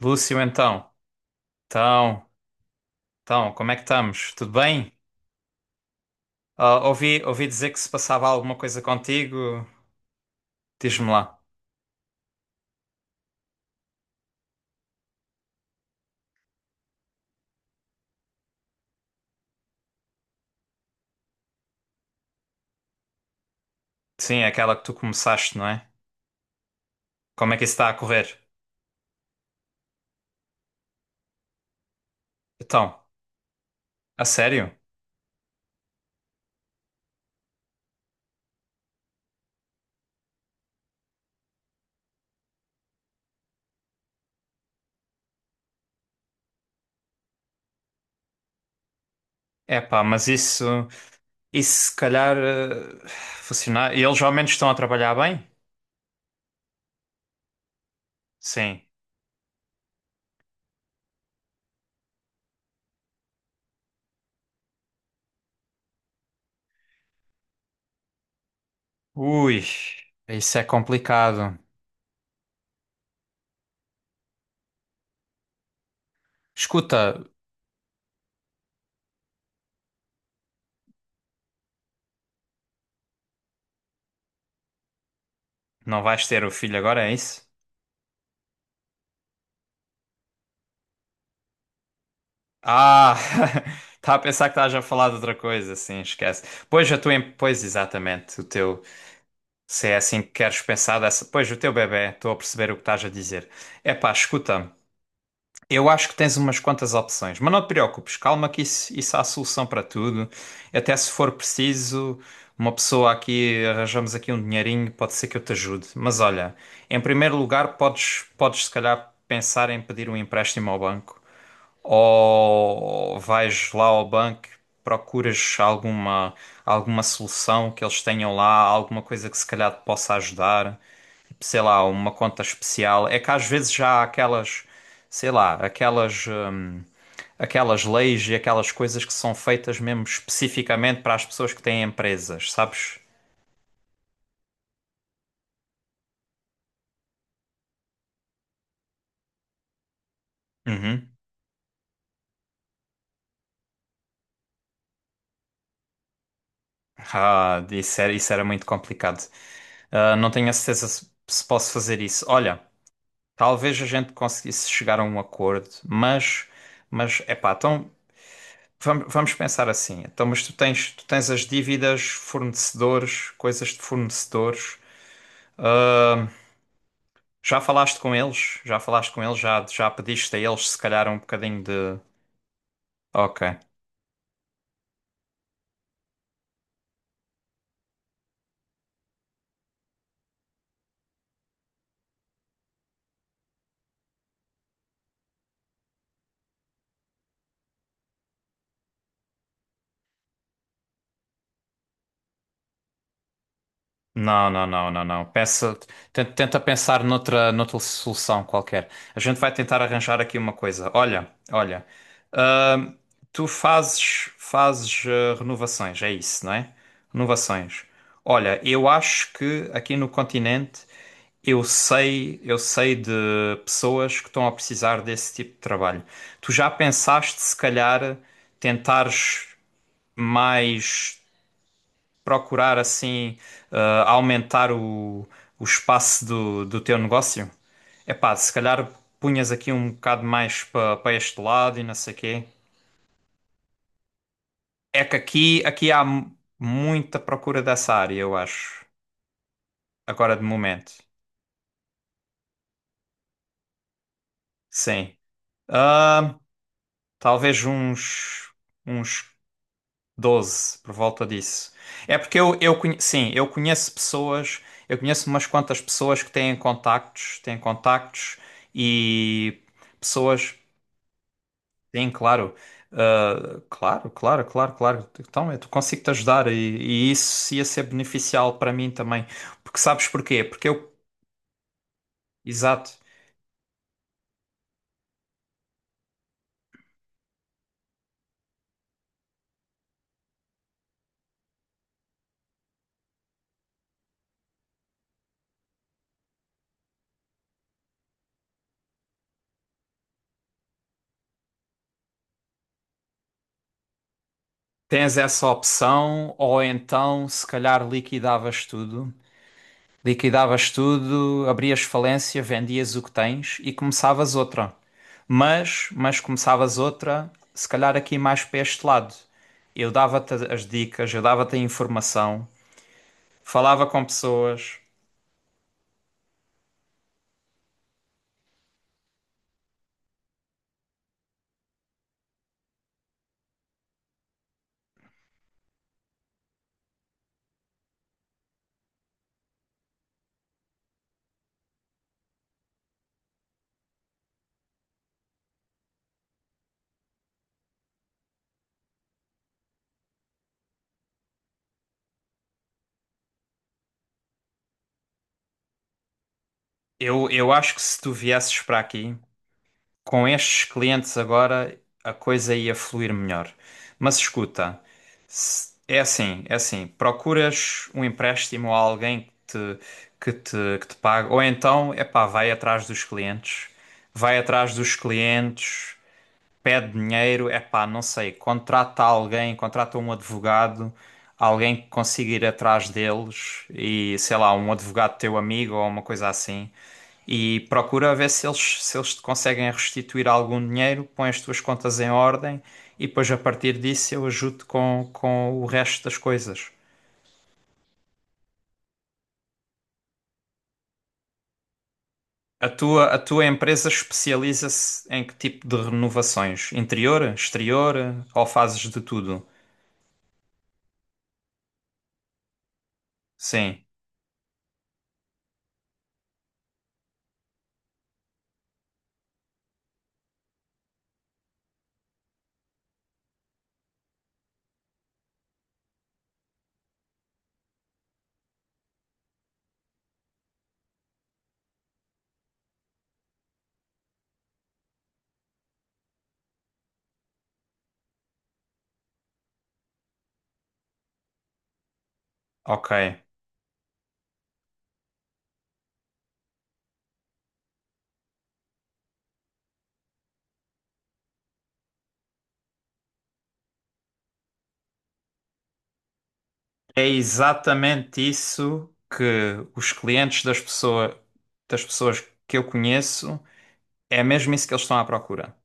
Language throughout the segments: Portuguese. Lúcio, então, então, como é que estamos? Tudo bem? Ouvi dizer que se passava alguma coisa contigo, diz-me lá. Sim, é aquela que tu começaste, não é? Como é que isso está a correr? Então, a sério? Epá, mas isso se calhar eh, funcionar. E eles ao menos estão a trabalhar bem? Sim. Ui, isso é complicado. Escuta, não vais ter o filho agora, é isso? Ah, estava a pensar que estás a falar de outra coisa, sim, esquece. Pois, pois exatamente, o teu, se é assim que queres pensar dessa, pois o teu bebé, estou a perceber o que estás a dizer. Epá, escuta, eu acho que tens umas quantas opções, mas não te preocupes, calma que isso há solução para tudo. Até se for preciso, uma pessoa aqui, arranjamos aqui um dinheirinho, pode ser que eu te ajude. Mas olha, em primeiro lugar, podes se calhar pensar em pedir um empréstimo ao banco ou vais lá ao banco, procuras alguma, alguma solução que eles tenham lá, alguma coisa que se calhar te possa ajudar, tipo, sei lá, uma conta especial. É que às vezes já há aquelas, sei lá, aquelas, aquelas leis e aquelas coisas que são feitas mesmo especificamente para as pessoas que têm empresas, sabes? Uhum. Ah, isso era muito complicado. Ah, não tenho a certeza se posso fazer isso. Olha. Talvez a gente conseguisse chegar a um acordo, mas epá, então vamos pensar assim. Então, mas tu tens as dívidas, fornecedores, coisas de fornecedores. Ah, já falaste com eles? Já falaste com eles? Já, já pediste a eles se calhar um bocadinho de. Ok. Não, não, não, não, não. Pensa, tenta, tenta pensar noutra, noutra solução qualquer. A gente vai tentar arranjar aqui uma coisa. Olha, olha. Tu fazes, fazes renovações, é isso, não é? Renovações. Olha, eu acho que aqui no continente eu sei de pessoas que estão a precisar desse tipo de trabalho. Tu já pensaste se calhar tentares mais procurar assim eh, aumentar o espaço do teu negócio? Epá, se calhar punhas aqui um bocado mais para este lado e não sei quê. É que aqui, aqui há mu- muita procura dessa área, eu acho. Agora de momento. Sim. Ah, talvez uns, uns 12 por volta disso. É porque eu conhe- sim, eu conheço pessoas, eu conheço umas quantas pessoas que têm contactos e pessoas têm, claro. Ah, claro, claro, claro, claro. Então, eu consigo te ajudar e isso ia ser beneficial para mim também. Porque sabes porquê? Porque eu. Exato. Tens essa opção, ou então, se calhar, liquidavas tudo. Liquidavas tudo, abrias falência, vendias o que tens e começavas outra. Mas começavas outra, se calhar aqui mais para este lado. Eu dava-te as dicas, eu dava-te a informação, falava com pessoas. Eu acho que se tu viesses para aqui, com estes clientes agora a coisa ia fluir melhor. Mas escuta, se- é assim, procuras um empréstimo a alguém que te, que te pague, ou então, epá, vai atrás dos clientes, vai atrás dos clientes, pede dinheiro, é pá, não sei, contrata alguém, contrata um advogado, alguém que consiga ir atrás deles e sei lá, um advogado teu amigo ou uma coisa assim. E procura ver se eles, se eles te conseguem restituir algum dinheiro, põe as tuas contas em ordem e depois a partir disso eu ajudo com o resto das coisas. A tua empresa especializa-se em que tipo de renovações? Interior, exterior ou fazes de tudo? Sim, ok. É exatamente isso que os clientes das pessoa- das pessoas que eu conheço, é mesmo isso que eles estão à procura.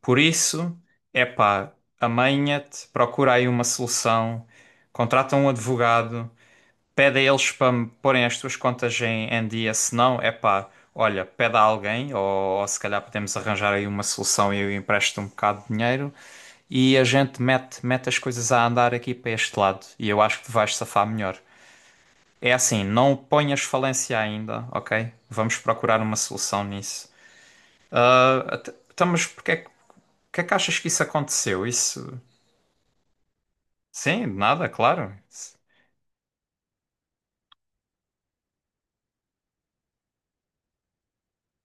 Por isso, é pá, amanha-te, procura aí uma solução, contrata um advogado, pede a eles para me porem as tuas contas em, em dia, se não, é pá, olha, pede a alguém, ou se calhar podemos arranjar aí uma solução e eu empresto um bocado de dinheiro e a gente mete, mete as coisas a andar aqui para este lado e eu acho que te vais safar melhor. É assim, não ponhas falência ainda, ok? Vamos procurar uma solução nisso. Ah, até- então, mas porque é, que é que achas que isso aconteceu? Isso. Sim, de nada, claro.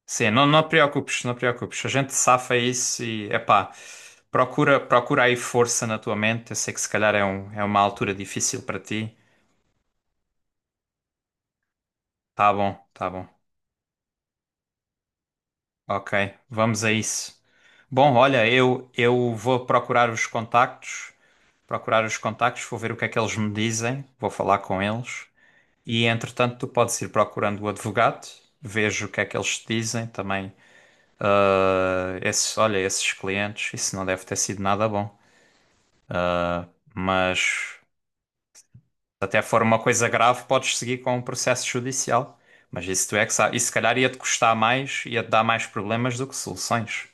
Sim, não, não te preocupes, não te preocupes. A gente safa isso e, epá, procura, procura aí força na tua mente. Eu sei que se calhar é, um, é uma altura difícil para ti. Tá bom, tá bom. Ok, vamos a isso. Bom, olha, eu vou procurar os contactos. Procurar os contactos, vou ver o que é que eles me dizem, vou falar com eles e entretanto tu podes ir procurando o advogado, vejo o que é que eles te dizem também. Eh, esses, olha, esses clientes, isso não deve ter sido nada bom, mas se até for uma coisa grave, podes seguir com um processo judicial. Mas isso tu é que sabe. Isso se calhar ia-te custar mais, ia-te dar mais problemas do que soluções.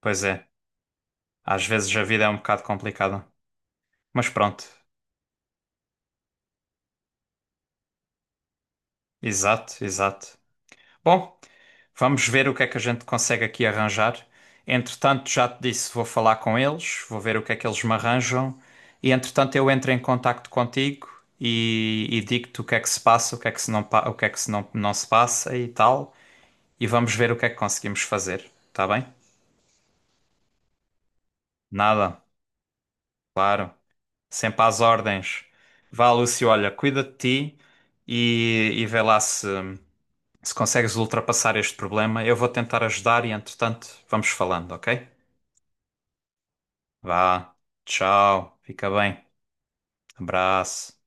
Pois é, às vezes a vida é um bocado complicada. Mas pronto, exato, exato. Bom, vamos ver o que é que a gente consegue aqui arranjar. Entretanto, já te disse, vou falar com eles, vou ver o que é que eles me arranjam. E entretanto, eu entro em contacto contigo e digo-te o que é que se passa, o que é que se não, pa- o que é que se não, não se passa e tal. E vamos ver o que é que conseguimos fazer, tá bem? Nada, claro. Sempre às ordens. Vá, Lúcio, olha, cuida de ti e vê lá se, se consegues ultrapassar este problema. Eu vou tentar ajudar e entretanto, vamos falando, ok? Vá, tchau, fica bem. Abraço.